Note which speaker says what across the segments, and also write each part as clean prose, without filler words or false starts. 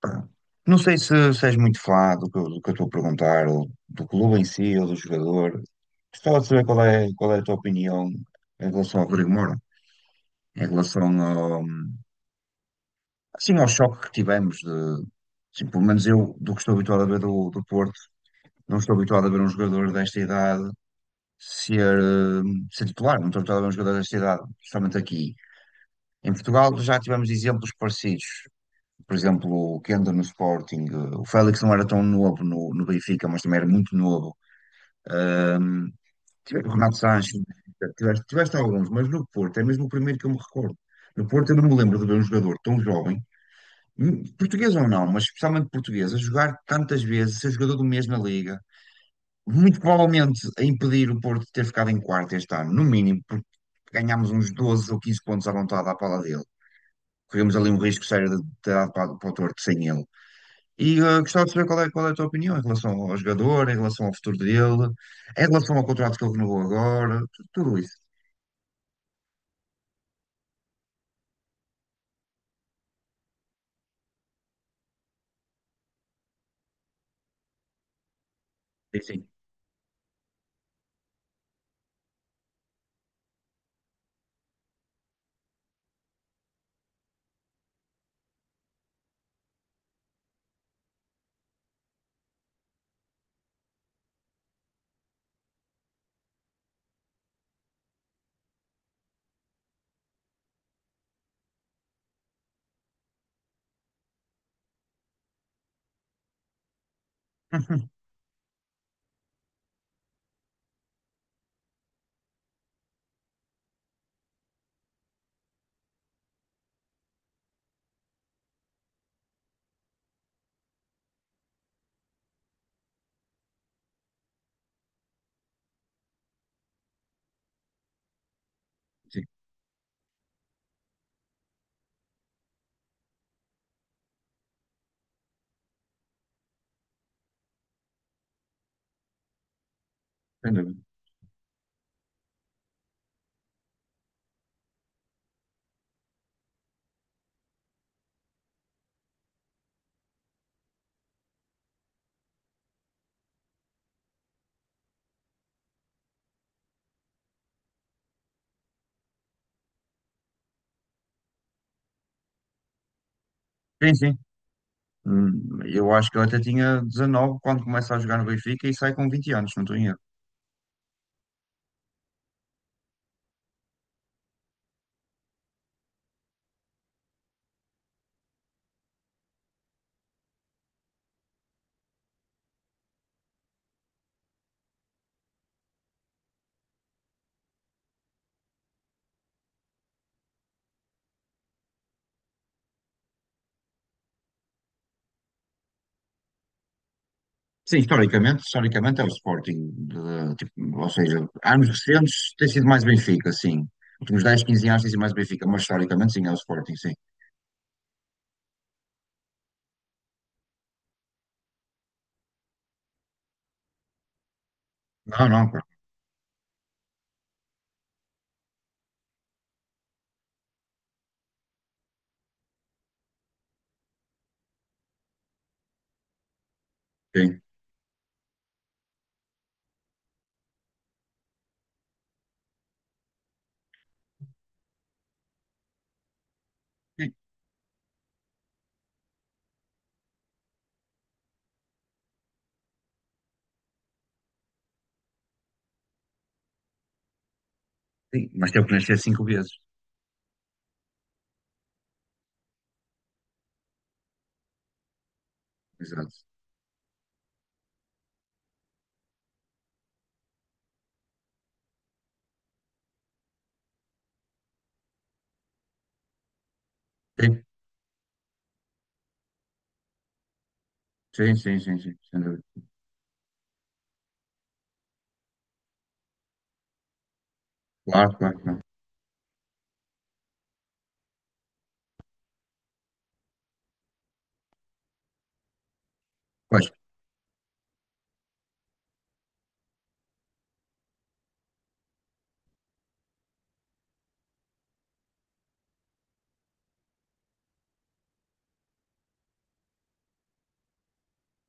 Speaker 1: Pá, não sei se és muito fã do que eu estou a perguntar, ou do clube em si, ou do jogador. Gostava de saber qual é a tua opinião em relação ao Rodrigo Moura, em relação ao, assim, ao choque que tivemos de, assim, pelo menos eu, do que estou habituado a ver do Porto, não estou habituado a ver um jogador desta idade ser, eh, ser titular, não estou habituado a ver um jogador desta idade, justamente aqui. Em Portugal já tivemos exemplos parecidos. Por exemplo, o Kenda no Sporting, o Félix não era tão novo no Benfica, mas também era muito novo. Ahm, o Renato Sanches, tiveste alguns, mas no Porto é mesmo o primeiro que eu me recordo. No Porto eu não me lembro de ver um jogador tão jovem, português ou não, mas especialmente português, a jogar tantas vezes, ser jogador do mês na Liga, muito provavelmente a impedir o Porto de ter ficado em quarto este ano, no mínimo, porque ganhámos uns 12 ou 15 pontos à vontade à pala dele. Corremos ali um risco sério de ter dado para o torto sem ele. E gostava de saber qual é a tua opinião em relação ao jogador, em relação ao futuro dele, em relação ao contrato que ele renovou agora, tudo isso. Sim, sim. Sim, sem dúvida. Sim, sim. Eu acho que ele até tinha 19 quando começa a jogar no Benfica e sai com 20 anos, não estou em erro. Sim, historicamente é o Sporting, tipo, ou seja, anos recentes tem sido mais Benfica, sim. Últimos 10 15 anos tem sido mais Benfica, mas historicamente sim, é o Sporting, sim. Não, não, claro. Sim, sim, sim. Mas teve que nascer cinco vezes. Exato. Sim. Sim, sim, sim, sim, sem dúvida. Claro, claro, claro. Pois,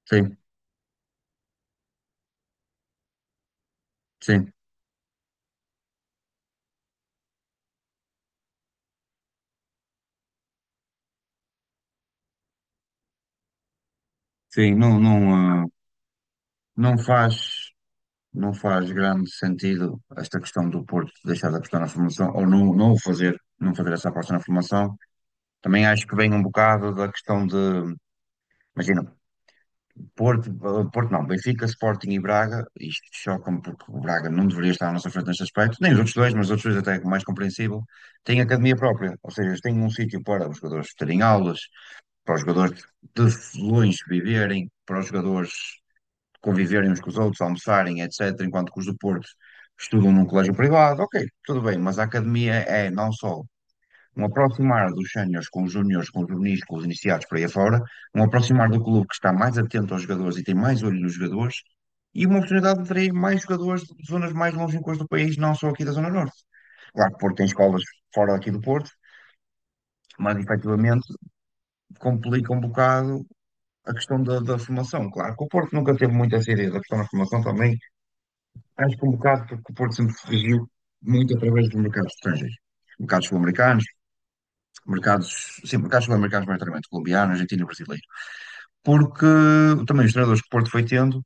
Speaker 1: sim, sim, sim, não, não, ah, não faz, não faz grande sentido esta questão do Porto deixar da questão na formação, ou não, não o fazer, não fazer essa aposta na formação. Também acho que vem um bocado da questão de, imagina, Porto, ah, Porto não, Benfica, Sporting e Braga, isto choca-me porque o Braga não deveria estar à nossa frente neste aspecto, nem os outros dois, mas os outros dois até é mais compreensível, têm academia própria, ou seja, têm um sítio para os jogadores terem aulas, para os jogadores de Lões viverem, para os jogadores conviverem uns com os outros, almoçarem, etc., enquanto que os do Porto estudam num colégio privado, ok, tudo bem, mas a academia é não só um aproximar dos séniores com os júniores, com os juvenis, com os iniciados para aí afora, um aproximar do clube que está mais atento aos jogadores e tem mais olho nos jogadores, e uma oportunidade de atrair mais jogadores de zonas mais longínquas do país, não só aqui da Zona Norte. Claro que o Porto tem escolas fora daqui do Porto, mas efetivamente complica um bocado a questão da formação. Claro que o Porto nunca teve muita seriedade ideia da questão da formação também. Acho que um bocado porque o Porto sempre se regiu muito através dos mercados estrangeiros. Mercados sul-americanos, mercados, sim, mercados sul-americanos, maioritariamente colombiano, argentino e brasileiro. Porque também os treinadores que o Porto foi tendo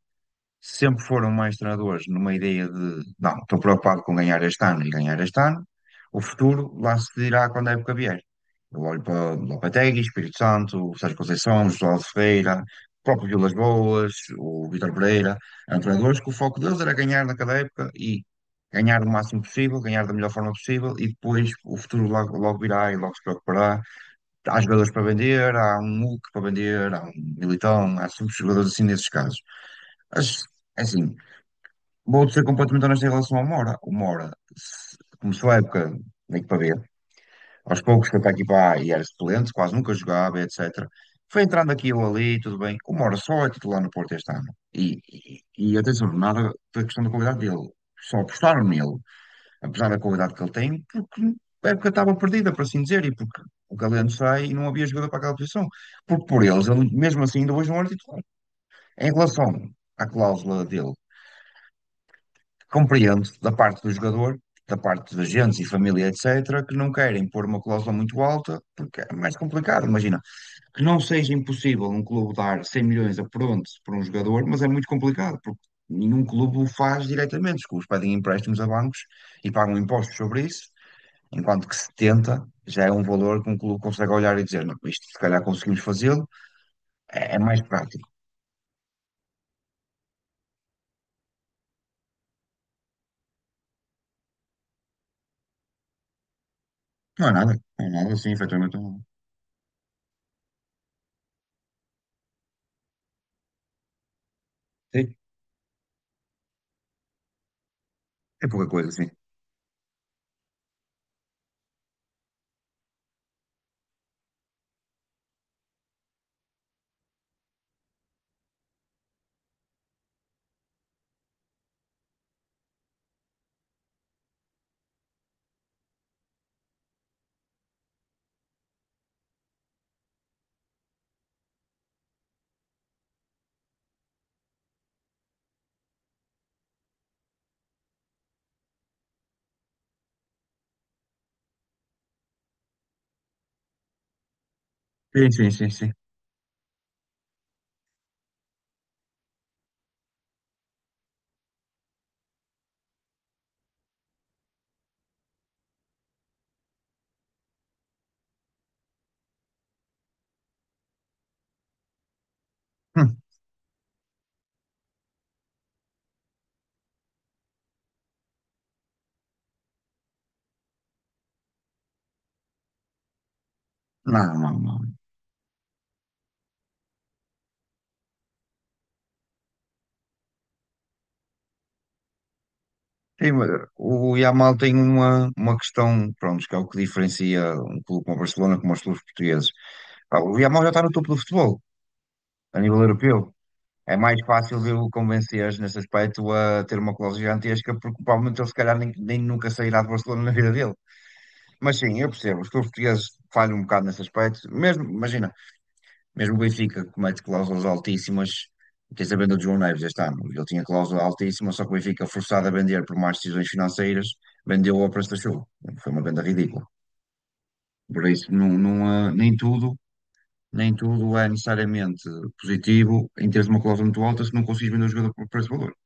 Speaker 1: sempre foram mais treinadores numa ideia de não, estou preocupado com ganhar este ano e ganhar este ano, o futuro lá se dirá quando a época vier. Eu olho para Lopetegui, Espírito Santo, o Sérgio Conceição, José Aldo Ferreira, o próprio Vilas Boas, o Vítor Pereira, eram treinadores que o foco deles era ganhar naquela época e ganhar o máximo possível, ganhar da melhor forma possível e depois o futuro logo, logo virá e logo se preocupará. Há jogadores para vender, há um Hulk para vender, há um Militão, há subjogadores assim nesses casos. Mas, é assim, vou-te ser completamente honesto em relação ao Mora. O Mora começou a época meio que para ver. Aos poucos foi para aqui para A e era suplente, quase nunca jogava, etc. Foi entrando aqui ou ali, tudo bem. O Mora só é titular no Porto este ano. E atenção, nada da questão da qualidade dele. Só apostaram nele, apesar da qualidade que ele tem, porque a época estava perdida, por assim dizer, e porque o Galeno sai e não havia jogador para aquela posição. Porque por eles, ele mesmo assim ainda hoje não era titular. Em relação à cláusula dele, compreendo da parte do jogador, da parte dos agentes e família, etc., que não querem pôr uma cláusula muito alta, porque é mais complicado. Imagina, que não seja impossível um clube dar 100 milhões a pronto para um jogador, mas é muito complicado, porque nenhum clube o faz diretamente. Os clubes pedem empréstimos a bancos e pagam impostos sobre isso, enquanto que 70 já é um valor que um clube consegue olhar e dizer: não, isto se calhar conseguimos fazê-lo, é mais prático. Não é nada, não é nada, sim, efetivamente não é nada. Sim, é pouca coisa, sim. Sim, sim, sim, sim. Não, não, não. Tem, o Yamal tem uma, questão, pronto, que é o que diferencia um clube como o Barcelona como os clubes portugueses. Pá, o Yamal já está no topo do futebol, a nível europeu. É mais fácil de o convencer nesse aspecto a ter uma cláusula gigantesca, porque provavelmente ele se calhar nem nunca sairá de Barcelona na vida dele. Mas sim, eu percebo, os clubes portugueses falham um bocado nesse aspecto. Mesmo, imagina. Mesmo o Benfica comete cláusulas altíssimas. Tens a venda do João Neves este ano. Ele tinha cláusula altíssima, só que o Benfica, forçado a vender por más decisões financeiras, vendeu ao preço da chuva. Foi uma venda ridícula. Por isso, não, não, nem tudo, é necessariamente positivo em teres uma cláusula muito alta se não consegues vender o jogador por preço de valor.